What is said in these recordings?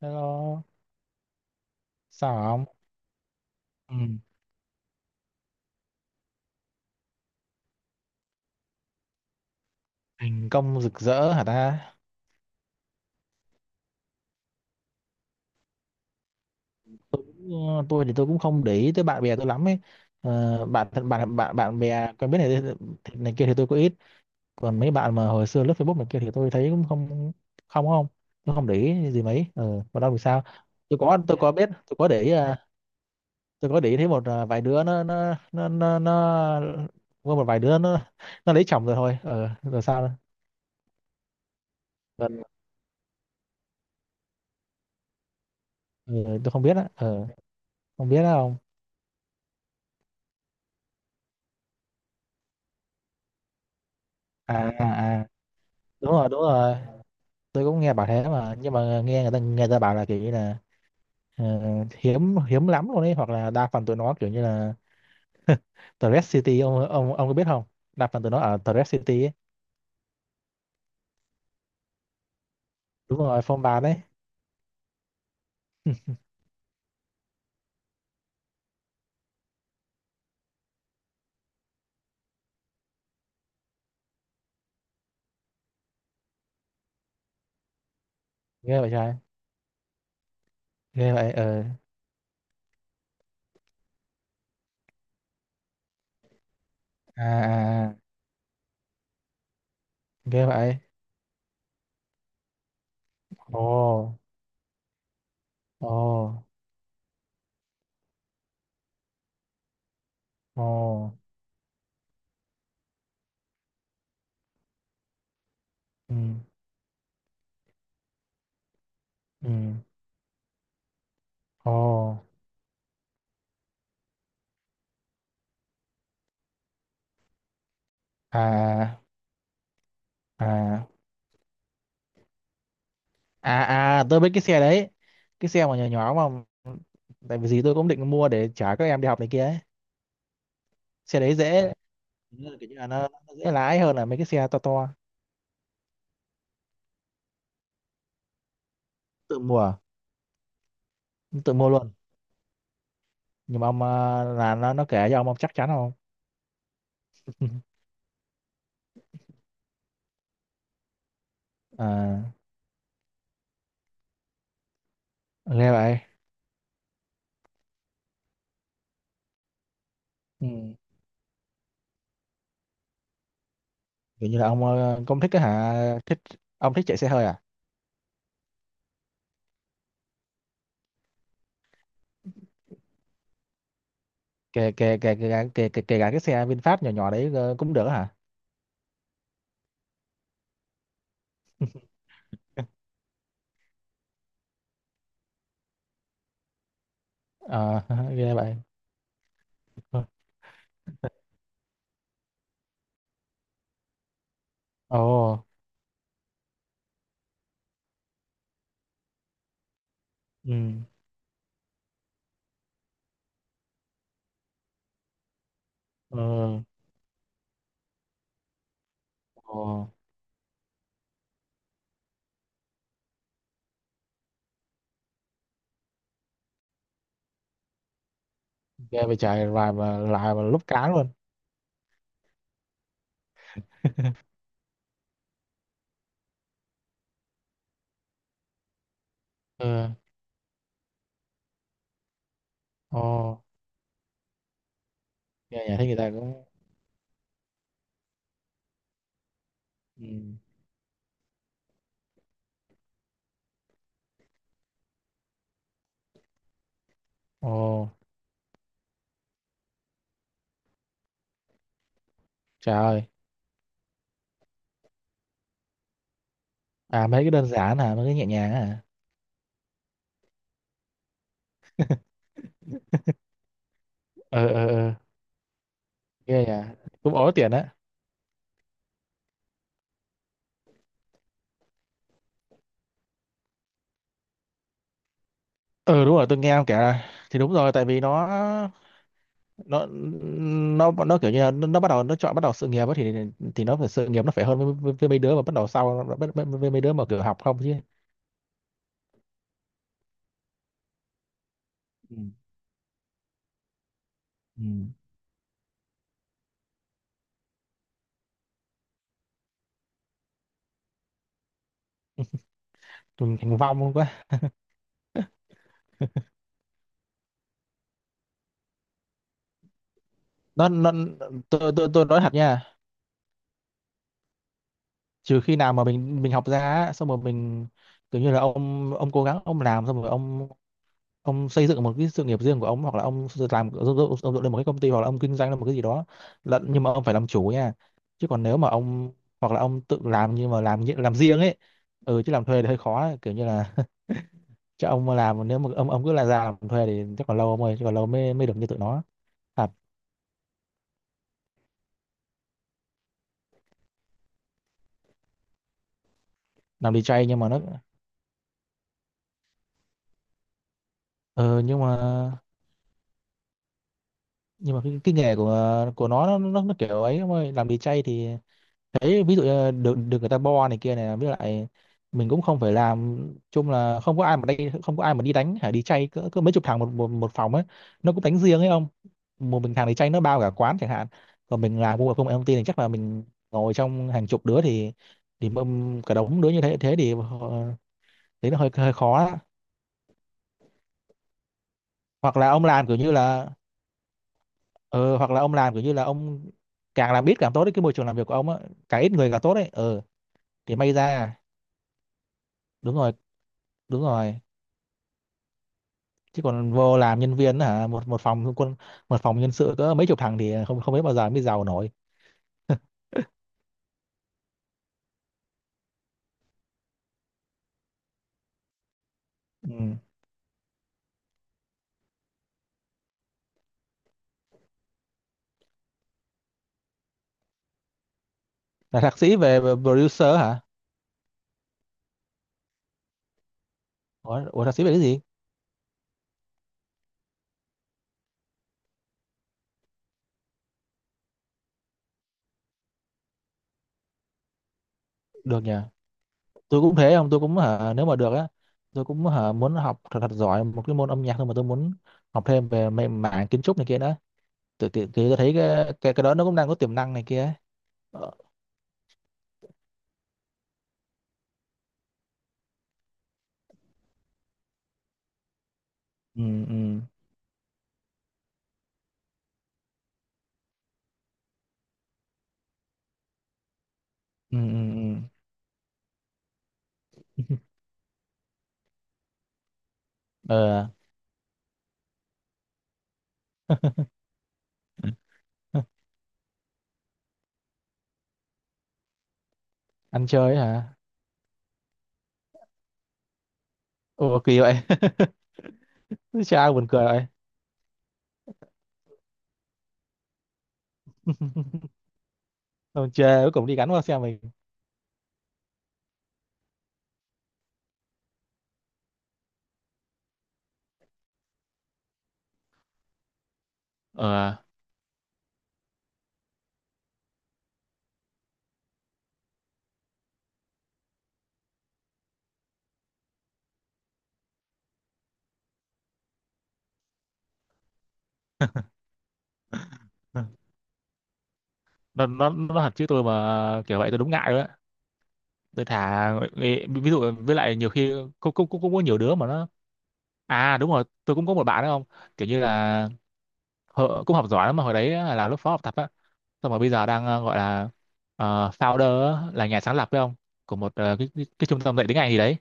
Hello, sao không? Ừ, thành công rực rỡ hả ta? Ừ, tôi thì tôi cũng không để ý tới bạn bè tôi lắm ấy. Bạn bạn bạn bạn bè quen biết này này kia thì tôi có ít. Còn mấy bạn mà hồi xưa lướt Facebook này kia thì tôi thấy cũng không không không, tôi không để ý gì mấy. Ờ, Còn đâu thì sao? Tôi có biết, tôi có để ý, tôi có để ý thấy vài đứa nó có một vài đứa nó lấy chồng rồi thôi. Ờ, rồi sao? Nữa? Còn, ừ, tôi không biết á. Ờ, không biết á không? À à à. Đúng rồi, đúng rồi, tôi cũng nghe bảo thế, mà nhưng mà nghe người ta bảo là kiểu như là ờ, hiếm hiếm lắm luôn ấy, hoặc là đa phần tụi nó kiểu như là Thread City. Ông có biết không? Đa phần tụi nó ở Thread City ấy. Đúng rồi, phong ba đấy. Ghê vậy trời. Ghê vậy. Ờ. À, à à. Ghê vậy. Ồ. Ồ. Ồ. Ừ. Ừ. Ồ. À. À. À. À. Tôi biết cái xe đấy, cái xe mà nhỏ nhỏ mà, tại vì gì tôi cũng định mua để trả các em đi học này kia ấy. Xe đấy dễ. Nghĩa là kiểu như là nó dễ lái hơn là mấy cái xe to to. Tự mua. Tự mua luôn. Nhưng mà ông là nó kể cho ông chắc chắn không? À, nghe vậy. Ừ. Kiểu như là ông cũng thích cái hả? Thích. Ông thích chạy xe hơi à? Kể kể kể kể cả- kể kể kể cả cái xe VinFast nhỏ nhỏ đấy cũng được hả? À, nghe vậy. Ồ. Ừ. Ừ. Ồ. Nghe về chạy lại và lúc cá luôn. Ừ. Ồ. Nghe nhà thấy người ta cũng. Ừ. Ồ. Trời ơi. À, mấy cái đơn giản hả, mấy cái nhẹ nhàng á hả? Ờ ờ ờ. Ghê à. Cũng ối tiền á. Ừ, đúng rồi, tôi nghe ông kể là thì đúng rồi, tại vì nó nó nó kiểu như là nó bắt đầu nó chọn bắt đầu sự nghiệp á thì nó phải sự nghiệp nó phải hơn với mấy đứa mà bắt đầu sau với mấy đứa mà kiểu học không chứ. Ừ. Ừ. Mình thành vong quá. Nó tôi nói thật nha, trừ khi nào mà mình học ra á, xong rồi mình kiểu như là ông cố gắng ông làm xong rồi ông xây dựng một cái sự nghiệp riêng của ông, hoặc là ông s- làm ông dựng lên một cái công ty, hoặc là ông kinh doanh lên một cái gì đó. Là, nhưng mà ông phải làm chủ nha, chứ còn nếu mà ông hoặc là ông tự làm, nhưng mà làm nhị- làm riêng ấy. Ừ, chứ làm thuê thì hơi khó ấy. Kiểu như là cho ông mà làm, nếu mà ông cứ là ra làm thuê thì chắc còn lâu ông ơi, chứ còn lâu mới mới được như tụi nó. Thật. Làm đi chay, nhưng mà nó ừ, nhưng mà cái nghề của nó kiểu ấy ông ơi, làm đi chay thì đấy, ví dụ như là được được người ta bo này kia, này với lại mình cũng không phải làm. Chung là không có ai mà, đây không có ai mà đi đánh hả, đi chay cỡ mấy chục thằng một, một một phòng ấy. Nó cũng đánh riêng ấy ông. Một mình thằng đi chay nó bao cả quán chẳng hạn. Còn mình làm công việc công nghệ thông tin thì chắc là mình ngồi trong hàng chục đứa thì mâm cả đống đứa như thế, thế thì họ-. Thế nó hơi hơi khó á. Hoặc là ông làm kiểu như là ờ, hoặc là ông làm kiểu như là ông càng làm ít càng tốt đấy, cái môi trường làm việc của ông á, càng ít người càng tốt đấy, ờ, thì may ra. Đúng rồi. Đúng rồi. Chứ còn vô làm nhân viên hả, một một phòng quân, một phòng nhân sự có mấy chục thằng thì không, không biết bao giờ mới giàu nổi. Ừ. Là thạc sĩ về producer hả? Ủa, ủa thạc sĩ về cái gì? Được nhỉ. Tôi cũng thế không, tôi cũng hả, nếu mà được á tôi cũng hả muốn học thật, thật giỏi một cái môn âm nhạc thôi, mà tôi muốn học thêm về mê- mảng kiến trúc này kia đó. Tự tự tự tôi thấy cái, cái đó nó cũng đang có tiềm năng này kia ấy. Ờ. Ừ. Ừ. Ừ. Ừ. Ừ. Ờ. Ăn chơi hả? Ủa kỳ vậy. Sao buồn cười vậy? Ông chê cuối cùng đi gắn qua xe mình. Ờ. Ừ. Nó hẳn chứ, tôi mà kiểu vậy tôi đúng ngại rồi đấy. Tôi thà ví, ví dụ với lại nhiều khi cũng cũng cũng cũng có nhiều đứa mà nó, à đúng rồi tôi cũng có một bạn đó không, kiểu như là họ- cũng học giỏi lắm mà hồi đấy á, là lớp phó học tập á, xong rồi bây giờ đang gọi là founder á, là nhà sáng lập phải không, của một cái trung tâm dạy tiếng Anh gì đấy.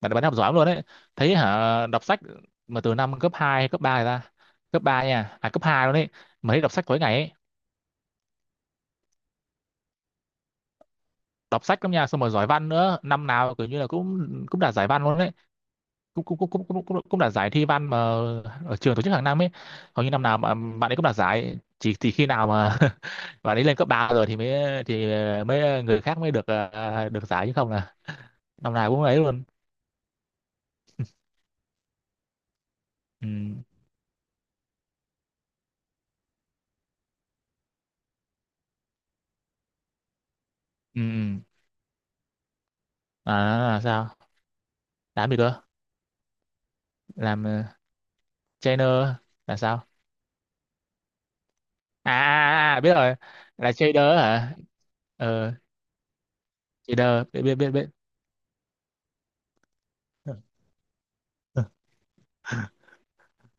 Bạn bạn học giỏi lắm luôn đấy, thấy hả đọc sách, mà từ năm cấp 2 cấp 3 ra, cấp 3 nha, à cấp 2 luôn đấy, mà thấy đọc sách tối ngày ấy. Đọc sách lắm nha, xong rồi giỏi văn nữa, năm nào kiểu như là cũng cũng đạt giải văn luôn đấy. Cũng đạt giải thi văn mà ở trường tổ chức hàng năm ấy, hầu như năm nào mà bạn ấy cũng đạt giải, chỉ khi nào mà bạn ấy lên cấp ba rồi thì mới người khác mới được được giải, chứ không là năm nào cũng ấy luôn. Ừ. Ừ. Ừ. À, là sao? Làm gì cơ? Làm trainer là sao? À, à, à, à, biết rồi. Là trader hả? Ờ. Trader biết. Biết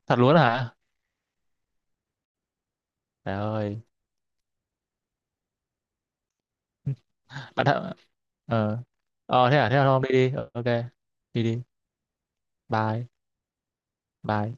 thật luôn hả? Trời ơi. Bạn thợ. Ờ. Ờ thế à, thế là thôi đi đi. Ờ, ok. Đi đi. Bye. Bye.